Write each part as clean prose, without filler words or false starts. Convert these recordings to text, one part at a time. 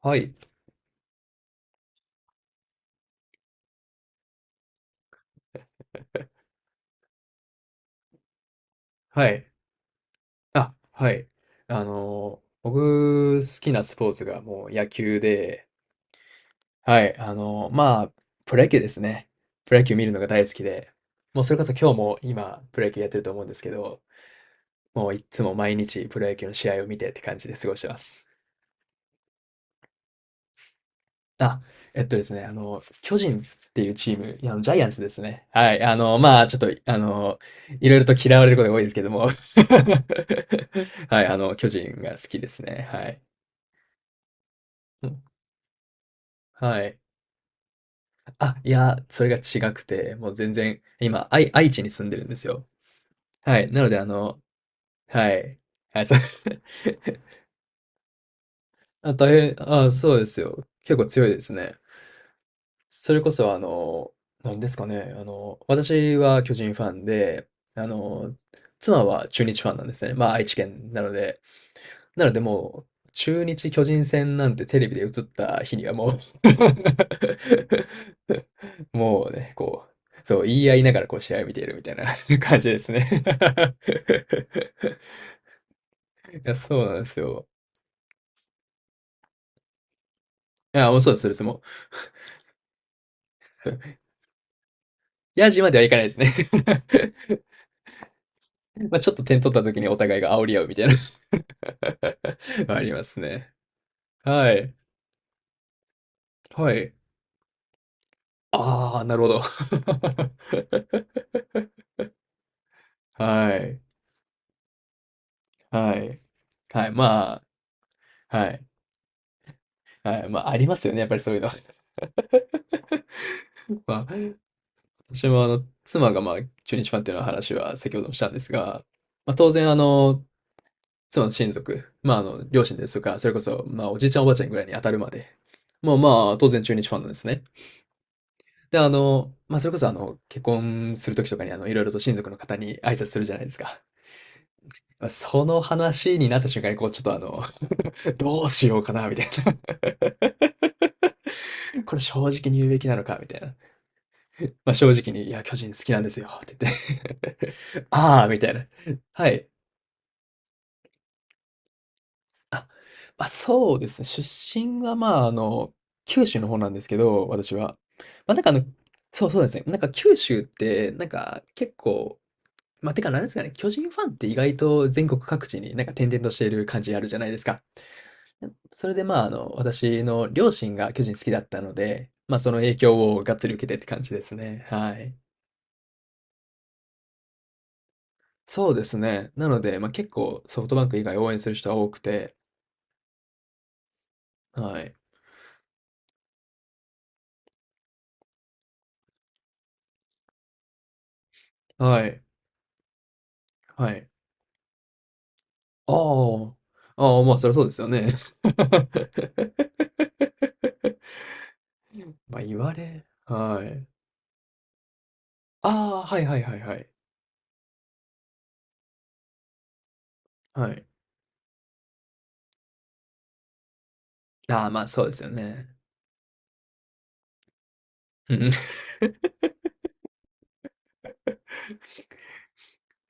はい。はい。あ、はい。あの、僕、好きなスポーツがもう野球で、はい。あの、まあ、プロ野球ですね。プロ野球見るのが大好きで、もうそれこそ今日も今、プロ野球やってると思うんですけど、もういつも毎日プロ野球の試合を見てって感じで過ごしてます。あ、えっとですね、あの、巨人っていうチーム、いやあの、ジャイアンツですね。はい。あの、まあ、ちょっと、あの、いろいろと嫌われることが多いですけども。はい。あの、巨人が好きですね。はい。はい。あ、いや、それが違くて、もう全然、今、愛知に住んでるんですよ。はい。なので、あの、はい。はい、そうです。あ、変、あ、そうですよ。結構強いですね。それこそ、あの、なんですかね、あの、私は巨人ファンで、あの、妻は中日ファンなんですね。まあ、愛知県なので、なのでもう、中日巨人戦なんてテレビで映った日にはもう もうね、こう、そう、言い合いながらこう試合を見ているみたいな 感じですね。 いや、そうなんですよ。あ、もうそうです、そうです、もう。そう。ヤジまではいかないですね。 まあちょっと点取った時にお互いが煽り合うみたいな。 ありますね。はい。はい。ああ、なるほど。はい。はい。はい。まあ、はい。はい。まあ、ありますよね。やっぱりそういうの。まあ、私もあの、妻がまあ、中日ファンっていうのは話は先ほどもしたんですが、まあ、当然あの、妻の親族、まあ、あの、両親ですとか、それこそ、まあ、おじいちゃんおばあちゃんぐらいに当たるまで、もうまあ、当然中日ファンなんですね。で、あの、まあ、それこそあの、結婚するときとかにあの、いろいろと親族の方に挨拶するじゃないですか。まあその話になった瞬間に、こう、ちょっとあの、どうしようかな、みたいな。これ正直に言うべきなのかみたいな。まあ、正直に、いや、巨人好きなんですよって言って ああ、みたいな。はい。あ、まあ、そうですね。出身は、まあ、あの、九州の方なんですけど、私は。まあ、なんかあの、そうですね。なんか九州って、なんか結構、まあ、てかなんですかね、巨人ファンって意外と全国各地になんか点々としている感じあるじゃないですか。それでまあ、あの、私の両親が巨人好きだったので、まあ、その影響をがっつり受けてって感じですね。はい。そうですね。なので、まあ、結構ソフトバンク以外応援する人は多くて、はい。はい。はい。ああ。ああ、まあ、そりゃそうですよね。ま、あ言われはい。ああ、はいはいはいはい。はい。ああ、まあ、そうですよね。うん。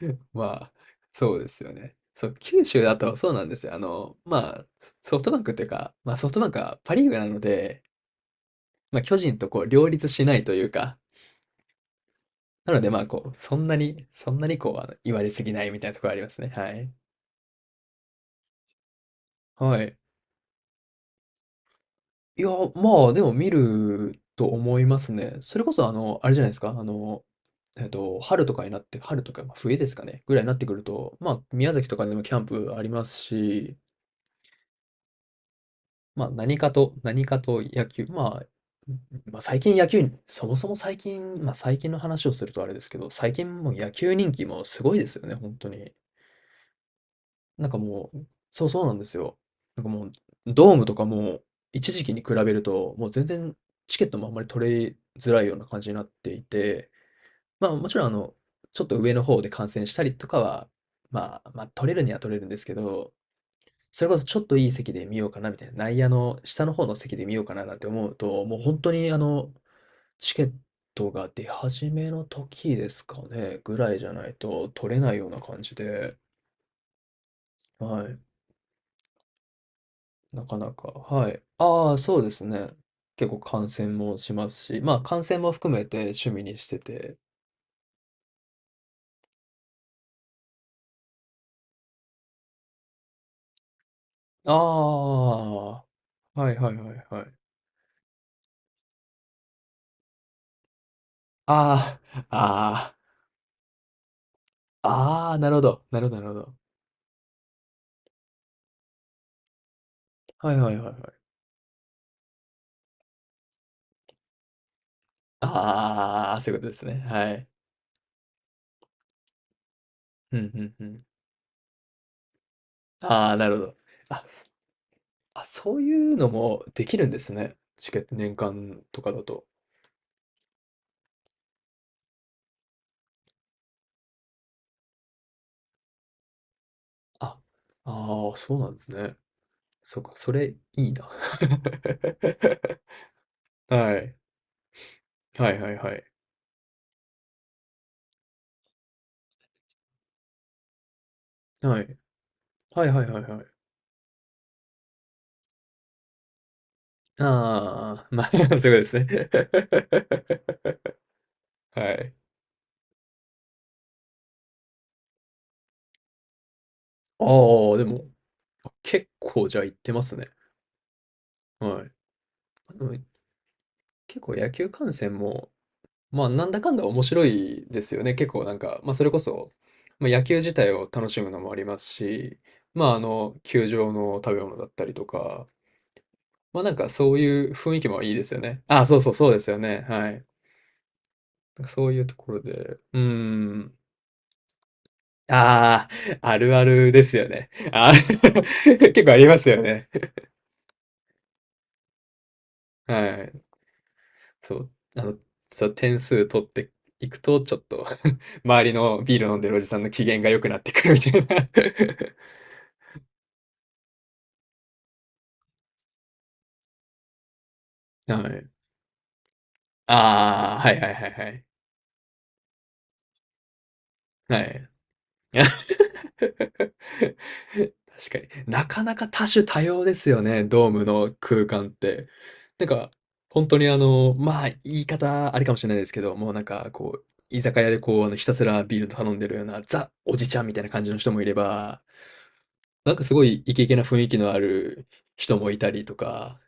まあ、そうですよね。そう、九州だとそうなんですよ。あの、まあ、ソフトバンクっていうか、まあ、ソフトバンクはパ・リーグなので、まあ、巨人とこう両立しないというか、なので、まあ、こう、そんなにこう、あの、言われすぎないみたいなところありますね。はい。はい。いや、まあ、でも見ると思いますね。それこそ、あの、あれじゃないですか、あの、えっと、春とかになって、春とか、ま、冬ですかね、ぐらいになってくると、まあ、宮崎とかでもキャンプありますし、まあ、何かと野球、まあ、まあ、最近野球そもそも最近、まあ、最近の話をするとあれですけど、最近もう野球人気もすごいですよね、本当に。なんかもう、そう、そうなんですよ。なんかもう、ドームとかも、一時期に比べると、もう全然チケットもあんまり取れづらいような感じになっていて、まあ、もちろんあの、ちょっと上の方で観戦したりとかは、まあ、ま、取れるには取れるんですけど、それこそちょっといい席で見ようかなみたいな、内野の下の方の席で見ようかななんて思うと、もう本当にあの、チケットが出始めの時ですかね、ぐらいじゃないと取れないような感じで、はい。なかなか、はい。ああ、そうですね。結構観戦もしますし、まあ、観戦も含めて趣味にしてて。ああ、はいはいはいはい。ああ、ああ、ああ、なるほど。なるほど、なるほど。はいはいはいはい。ああ、そういうことですね。はい。うん、うん、うん。ああ、なるほど。あ、そういうのもできるんですね。チケット年間とかだと。あ、ああ、そうなんですね。そうか、それいいな。はい。はいはいはい。はい。はいはいはいはい。ああ、まあ、そういうことですね。はい。ああ、でも、結構じゃあ行ってますね。はい。でも、結構野球観戦も、まあ、なんだかんだ面白いですよね。結構なんか、まあ、それこそ、まあ、野球自体を楽しむのもありますし、まあ、あの、球場の食べ物だったりとか、まあ、なんかそういう雰囲気もいいですよね。ああ、そうですよね。はい。なんかそういうところで、うーん。ああ、あるあるですよね。あ、結構ありますよね。はい。そう、あの、そう、点数取っていくと、ちょっと 周りのビール飲んでるおじさんの機嫌が良くなってくるみたいな。 はい。ああ、はいはいはいはい。はい。確かに。なかなか多種多様ですよね、ドームの空間って。なんか、本当にあの、まあ、言い方あれかもしれないですけど、もうなんかこう、居酒屋でこう、あの、ひたすらビール頼んでるような、ザ・おじちゃんみたいな感じの人もいれば、なんかすごいイケイケな雰囲気のある人もいたりとか、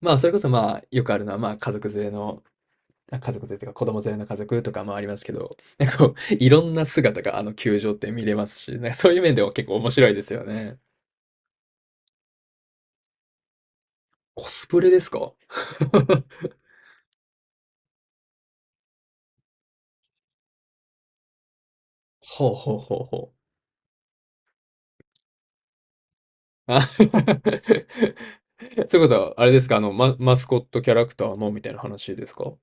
まあ、それこそ、まあ、よくあるのは、まあ、家族連れのあ、家族連れというか、子供連れの家族とかもありますけど、なんかこう、いろんな姿があの球場って見れますし、なんかそういう面では結構面白いですよね。コスプレですか？ほうほうほうほう。あ、 そういうことはあれですか、あの、ママスコットキャラクターのみたいな話ですか？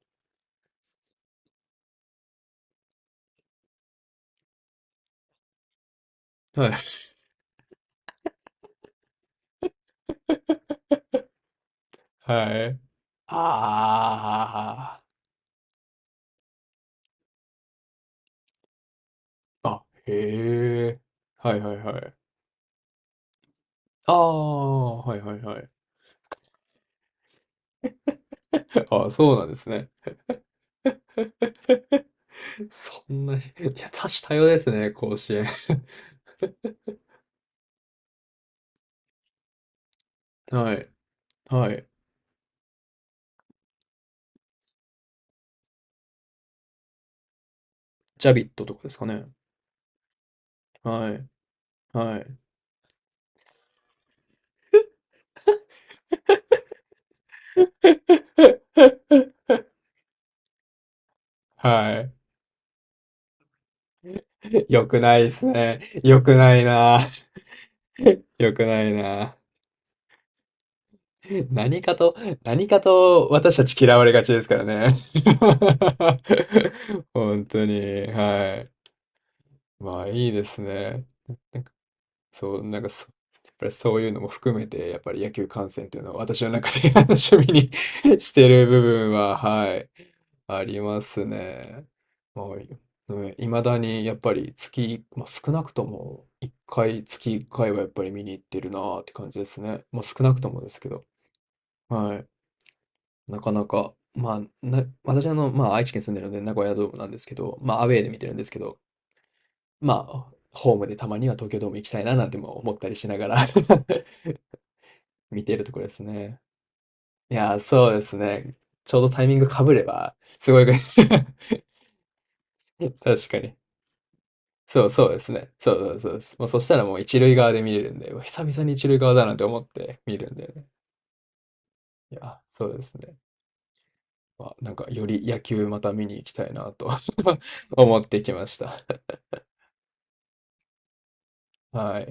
はい。はい。ああ、あ、へえ。はいはいはい。ああ、はいはいはい。ああ、そうなんですね。そんな、いや、多種多様ですね、甲子園。はい、はい。ジャビットとかですかね。はい、はい。はい。良くないですね。良くないな。良くないな。何かと、何かと私たち嫌われがちですからね。本当に。はい。まあいいですね。そう、なんかそ、やっぱりそういうのも含めて、やっぱり野球観戦というのは私の中で 趣味に してる部分は、はい、ありますね。はい。いまだにやっぱりまあ、少なくとも1回、月1回はやっぱり見に行ってるなーって感じですね。もう少なくともですけど。はい。なかなか、まあ、私あの、まあ、愛知県住んでるので名古屋ドームなんですけど、まあ、アウェーで見てるんですけど、まあ、ホームでたまには東京ドーム行きたいななんても思ったりしながら 見ているところですね。いやー、そうですね。ちょうどタイミング被れば、すごいです。 確かに。そう、そうですね。そうそうそうです。もうそしたらもう一塁側で見れるんで、うわ久々に一塁側だなんて思って見るんでね。いや、そうですね。まあ、なんかより野球また見に行きたいなと 思ってきました。はい。